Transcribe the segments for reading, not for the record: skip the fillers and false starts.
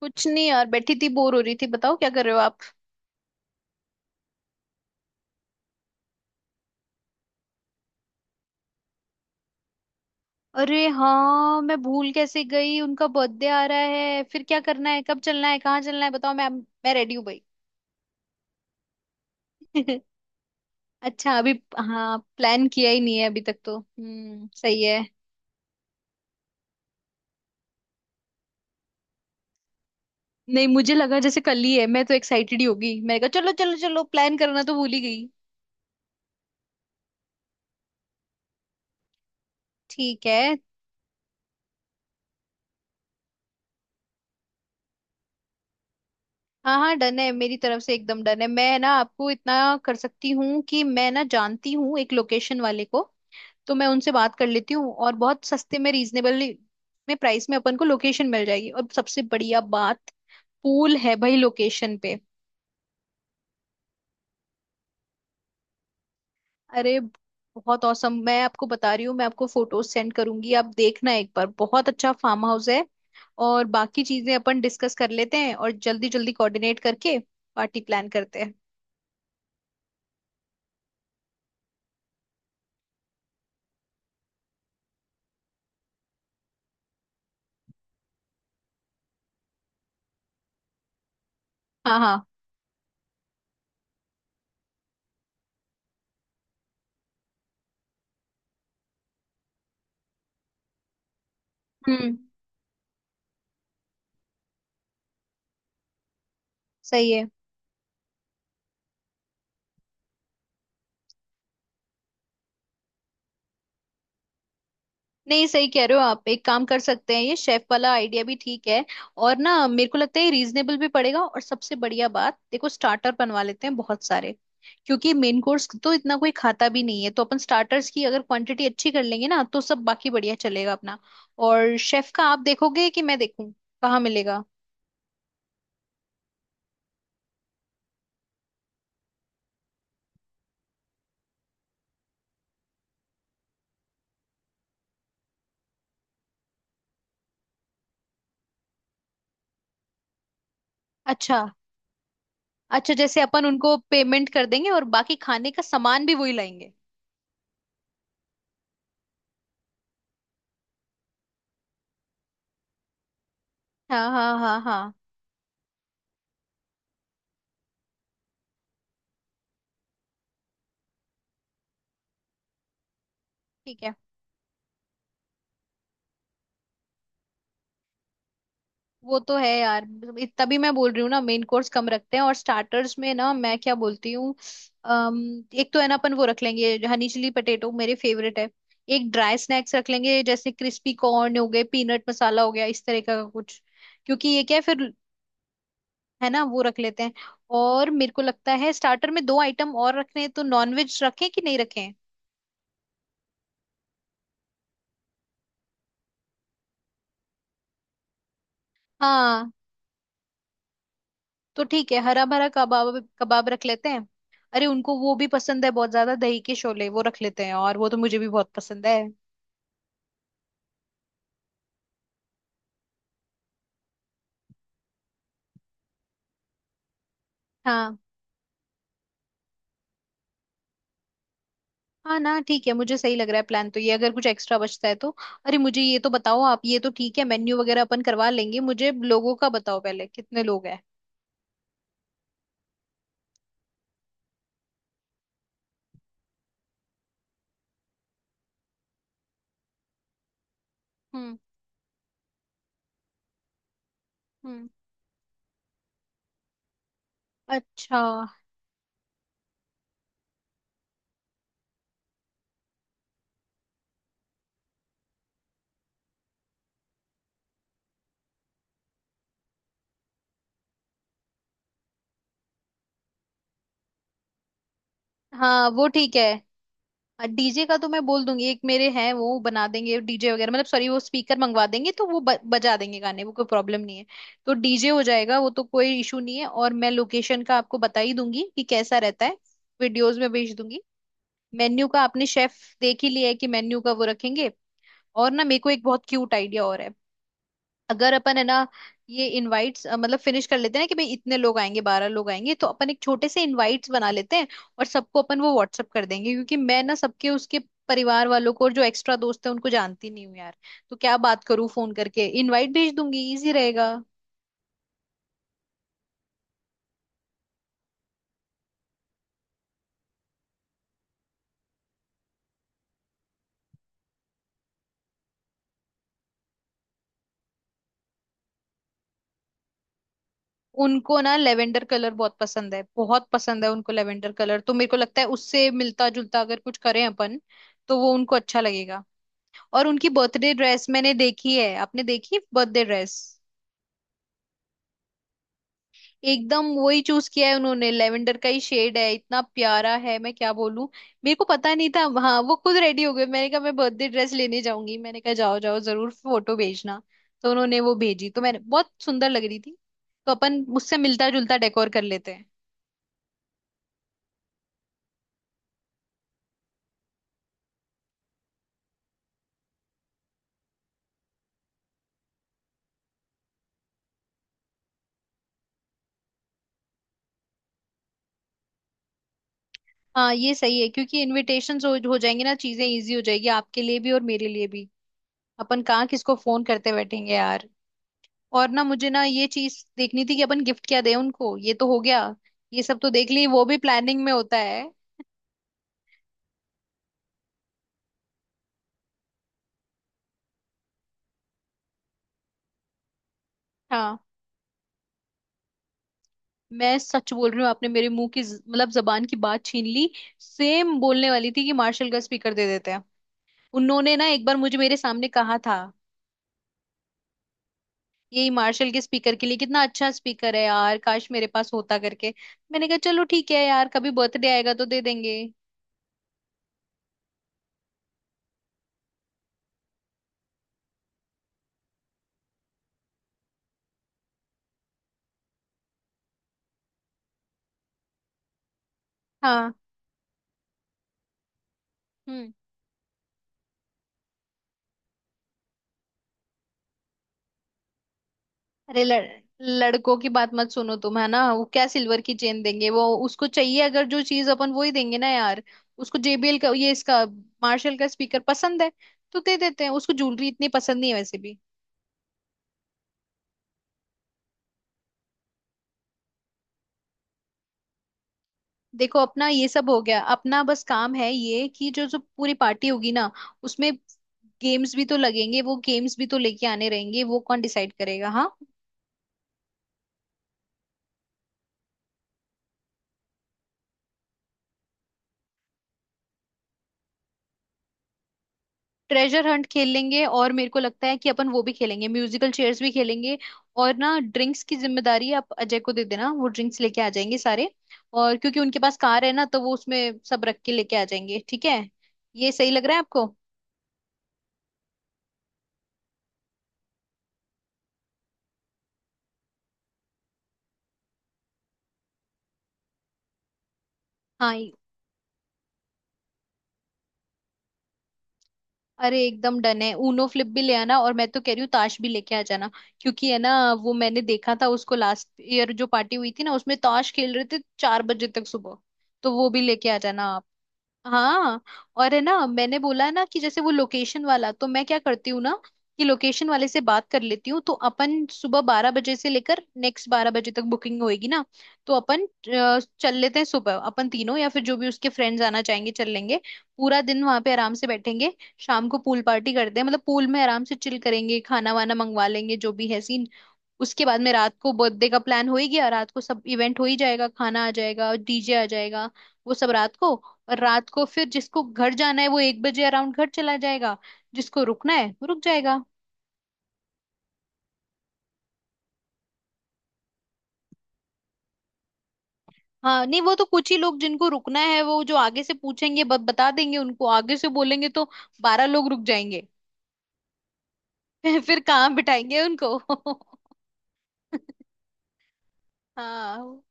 कुछ नहीं यार, बैठी थी बोर हो रही थी। बताओ क्या कर रहे हो आप। अरे हाँ, मैं भूल कैसे गई। उनका बर्थडे आ रहा है। फिर क्या करना है, कब चलना है, कहाँ चलना है, बताओ। मैं रेडी हूँ भाई। अच्छा, अभी। हाँ, प्लान किया ही नहीं है अभी तक तो, हम्म, सही है। नहीं, मुझे लगा जैसे कल ही है, मैं तो एक्साइटेड ही होगी, मैंने कहा चलो चलो चलो। प्लान करना तो भूल ही गई। ठीक है। हाँ हाँ, डन है, मेरी तरफ से एकदम डन है। मैं ना आपको इतना कर सकती हूँ कि मैं ना जानती हूँ एक लोकेशन वाले को। तो मैं उनसे बात कर लेती हूँ, और बहुत सस्ते में, रीजनेबल में, प्राइस में अपन को लोकेशन मिल जाएगी। और सबसे बढ़िया बात, पूल है भाई लोकेशन पे। अरे, बहुत औसम। मैं आपको बता रही हूँ, मैं आपको फोटोज सेंड करूंगी, आप देखना एक बार, बहुत अच्छा फार्म हाउस है। और बाकी चीजें अपन डिस्कस कर लेते हैं, और जल्दी जल्दी कोऑर्डिनेट करके पार्टी प्लान करते हैं। हाँ हाँ, हम्म, सही है। नहीं, सही कह रहे हो आप। एक काम कर सकते हैं, ये शेफ वाला आइडिया भी ठीक है। और ना, मेरे को लगता है रीजनेबल भी पड़ेगा। और सबसे बढ़िया बात देखो, स्टार्टर बनवा लेते हैं बहुत सारे। क्योंकि मेन कोर्स तो इतना कोई खाता भी नहीं है, तो अपन स्टार्टर्स की अगर क्वांटिटी अच्छी कर लेंगे ना, तो सब बाकी बढ़िया चलेगा अपना। और शेफ का आप देखोगे कि मैं देखूं, कहाँ मिलेगा। अच्छा। अच्छा, जैसे अपन उनको पेमेंट कर देंगे और बाकी खाने का सामान भी वही लाएंगे। हाँ हाँ हाँ हाँ। ठीक है। वो तो है यार। मतलब तभी मैं बोल रही हूँ ना, मेन कोर्स कम रखते हैं और स्टार्टर्स में ना मैं क्या बोलती हूँ। एक तो है ना, अपन वो रख लेंगे हनी चिली पटेटो, मेरे फेवरेट है। एक ड्राई स्नैक्स रख लेंगे, जैसे क्रिस्पी कॉर्न हो गए, पीनट मसाला हो गया, इस तरह का कुछ। क्योंकि ये क्या है फिर। है ना, वो रख लेते हैं। और मेरे को लगता है स्टार्टर में दो आइटम और रखने हैं, तो नॉनवेज रखें कि नहीं रखें। हाँ, तो ठीक है, हरा भरा कबाब कबाब रख लेते हैं। अरे, उनको वो भी पसंद है बहुत ज्यादा, दही के शोले वो रख लेते हैं, और वो तो मुझे भी बहुत पसंद है। हाँ। हाँ ना, ठीक है, मुझे सही लग रहा है प्लान तो ये, अगर कुछ एक्स्ट्रा बचता है तो। अरे, मुझे ये तो बताओ आप, ये तो ठीक है मेन्यू वगैरह अपन करवा लेंगे, मुझे लोगों का बताओ पहले, कितने लोग हैं। हम्म। हम्म। अच्छा। हाँ, वो ठीक है। डीजे का तो मैं बोल दूंगी, एक मेरे हैं, वो बना देंगे डीजे वगैरह। मतलब सॉरी, वो स्पीकर मंगवा देंगे, तो वो बजा देंगे गाने, वो कोई प्रॉब्लम नहीं है। तो डीजे हो जाएगा, वो तो कोई इशू नहीं है। और मैं लोकेशन का आपको बता ही दूंगी कि कैसा रहता है। वीडियोस में भेज दूंगी। मेन्यू का आपने शेफ देख ही लिया है कि मेन्यू का वो रखेंगे। और ना, मेरे को एक बहुत क्यूट आइडिया और है। अगर अपन, है ना, ये इनवाइट्स मतलब फिनिश कर लेते हैं ना, कि भाई इतने लोग आएंगे, 12 लोग आएंगे, तो अपन एक छोटे से इनवाइट्स बना लेते हैं। और सबको अपन वो व्हाट्सअप कर देंगे। क्योंकि मैं ना सबके, उसके परिवार वालों को और जो एक्स्ट्रा दोस्त है, उनको जानती नहीं हूँ यार। तो क्या बात करूँ, फोन करके इनवाइट भेज दूंगी, इजी रहेगा। उनको ना लेवेंडर कलर बहुत पसंद है, बहुत पसंद है उनको लेवेंडर कलर। तो मेरे को लगता है उससे मिलता जुलता अगर कुछ करें अपन, तो वो उनको अच्छा लगेगा। और उनकी बर्थडे ड्रेस मैंने देखी है, आपने देखी बर्थडे ड्रेस? एकदम वही चूज किया है उन्होंने, लेवेंडर का ही शेड है, इतना प्यारा है मैं क्या बोलूं। मेरे को पता नहीं था। हाँ, वो खुद रेडी हो गए, मैंने कहा मैं बर्थडे ड्रेस लेने जाऊंगी, मैंने कहा जाओ जाओ, जरूर फोटो भेजना। तो उन्होंने वो भेजी, तो मैंने, बहुत सुंदर लग रही थी। तो अपन उससे मिलता जुलता डेकोर कर लेते हैं। हाँ, ये सही है, क्योंकि इनविटेशंस हो जाएंगे ना, चीजें इजी हो जाएगी आपके लिए भी और मेरे लिए भी। अपन कहाँ किसको फोन करते बैठेंगे यार। और ना, मुझे ना ये चीज देखनी थी कि अपन गिफ्ट क्या दें उनको, ये तो हो गया। ये सब तो देख ली, वो भी प्लानिंग में होता है। हाँ, मैं सच बोल रही हूँ, आपने मेरे मुंह की मतलब जबान की बात छीन ली। सेम बोलने वाली थी कि मार्शल का स्पीकर दे देते हैं। उन्होंने ना एक बार मुझे, मेरे सामने कहा था यही मार्शल के स्पीकर के लिए, कितना अच्छा स्पीकर है यार, काश मेरे पास होता, करके। मैंने कहा चलो ठीक है यार, कभी बर्थडे आएगा तो दे देंगे। हाँ। हम्म। अरे, लड़कों की बात मत सुनो तुम, है ना। वो क्या सिल्वर की चेन देंगे, वो उसको चाहिए अगर, जो चीज अपन वो ही देंगे ना यार। उसको जेबीएल का, ये, इसका मार्शल का स्पीकर पसंद है। तो दे देते हैं उसको, ज्वेलरी इतनी पसंद नहीं है वैसे भी। देखो अपना ये सब हो गया, अपना बस काम है ये, कि जो जो पूरी पार्टी होगी ना, उसमें गेम्स भी तो लगेंगे, वो गेम्स भी तो लेके आने रहेंगे, वो कौन डिसाइड करेगा। हाँ। ट्रेजर हंट खेल लेंगे, और मेरे को लगता है कि अपन वो भी खेलेंगे, म्यूजिकल चेयर्स भी खेलेंगे। और ना, ड्रिंक्स की जिम्मेदारी आप अजय को दे देना, वो ड्रिंक्स लेके आ जाएंगे सारे। और क्योंकि उनके पास कार है ना, तो वो उसमें सब रख के लेके आ जाएंगे। ठीक है। ये सही लग रहा है आपको? हाँ। अरे, एकदम डन है, ऊनो फ्लिप भी ले आना, और मैं तो कह रही हूँ ताश भी लेके आ जाना। क्योंकि है ना, वो मैंने देखा था उसको, लास्ट ईयर जो पार्टी हुई थी ना, उसमें ताश खेल रहे थे 4 बजे तक सुबह। तो वो भी लेके आ जाना आप। हाँ। और है ना, मैंने बोला ना, कि जैसे वो लोकेशन वाला, तो मैं क्या करती हूँ ना, कि लोकेशन वाले से बात कर लेती हूँ, तो अपन सुबह 12 बजे से लेकर नेक्स्ट 12 बजे तक बुकिंग होएगी ना। तो अपन चल लेते हैं सुबह, अपन तीनों या फिर जो भी उसके फ्रेंड्स आना चाहेंगे चल लेंगे। पूरा दिन वहां पे आराम से बैठेंगे। शाम को पूल पार्टी करते हैं, मतलब पूल में आराम से चिल करेंगे, खाना वाना मंगवा लेंगे, जो भी है सीन। उसके बाद में रात को बर्थडे का प्लान हो ही गया, रात को सब इवेंट हो ही जाएगा, खाना आ जाएगा, डीजे आ जाएगा। वो सब रात को। और रात को फिर जिसको घर जाना है वो 1 बजे अराउंड घर चला जाएगा। जिसको रुकना है वो रुक जाएगा। हाँ नहीं, वो तो कुछ ही लोग जिनको रुकना है, वो जो आगे से पूछेंगे, बता देंगे उनको, आगे से बोलेंगे तो 12 लोग रुक जाएंगे। फिर कहाँ बिठाएंगे उनको। हाँ।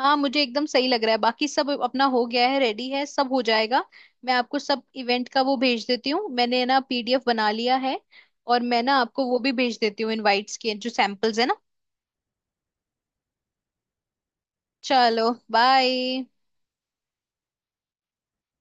हाँ, मुझे एकदम सही लग रहा है, बाकी सब अपना हो गया है, रेडी है, सब हो जाएगा। मैं आपको सब इवेंट का वो भेज देती हूँ, मैंने ना पीडीएफ बना लिया है। और मैं ना आपको वो भी भेज देती हूँ इनवाइट्स के जो सैंपल्स है ना। चलो बाय।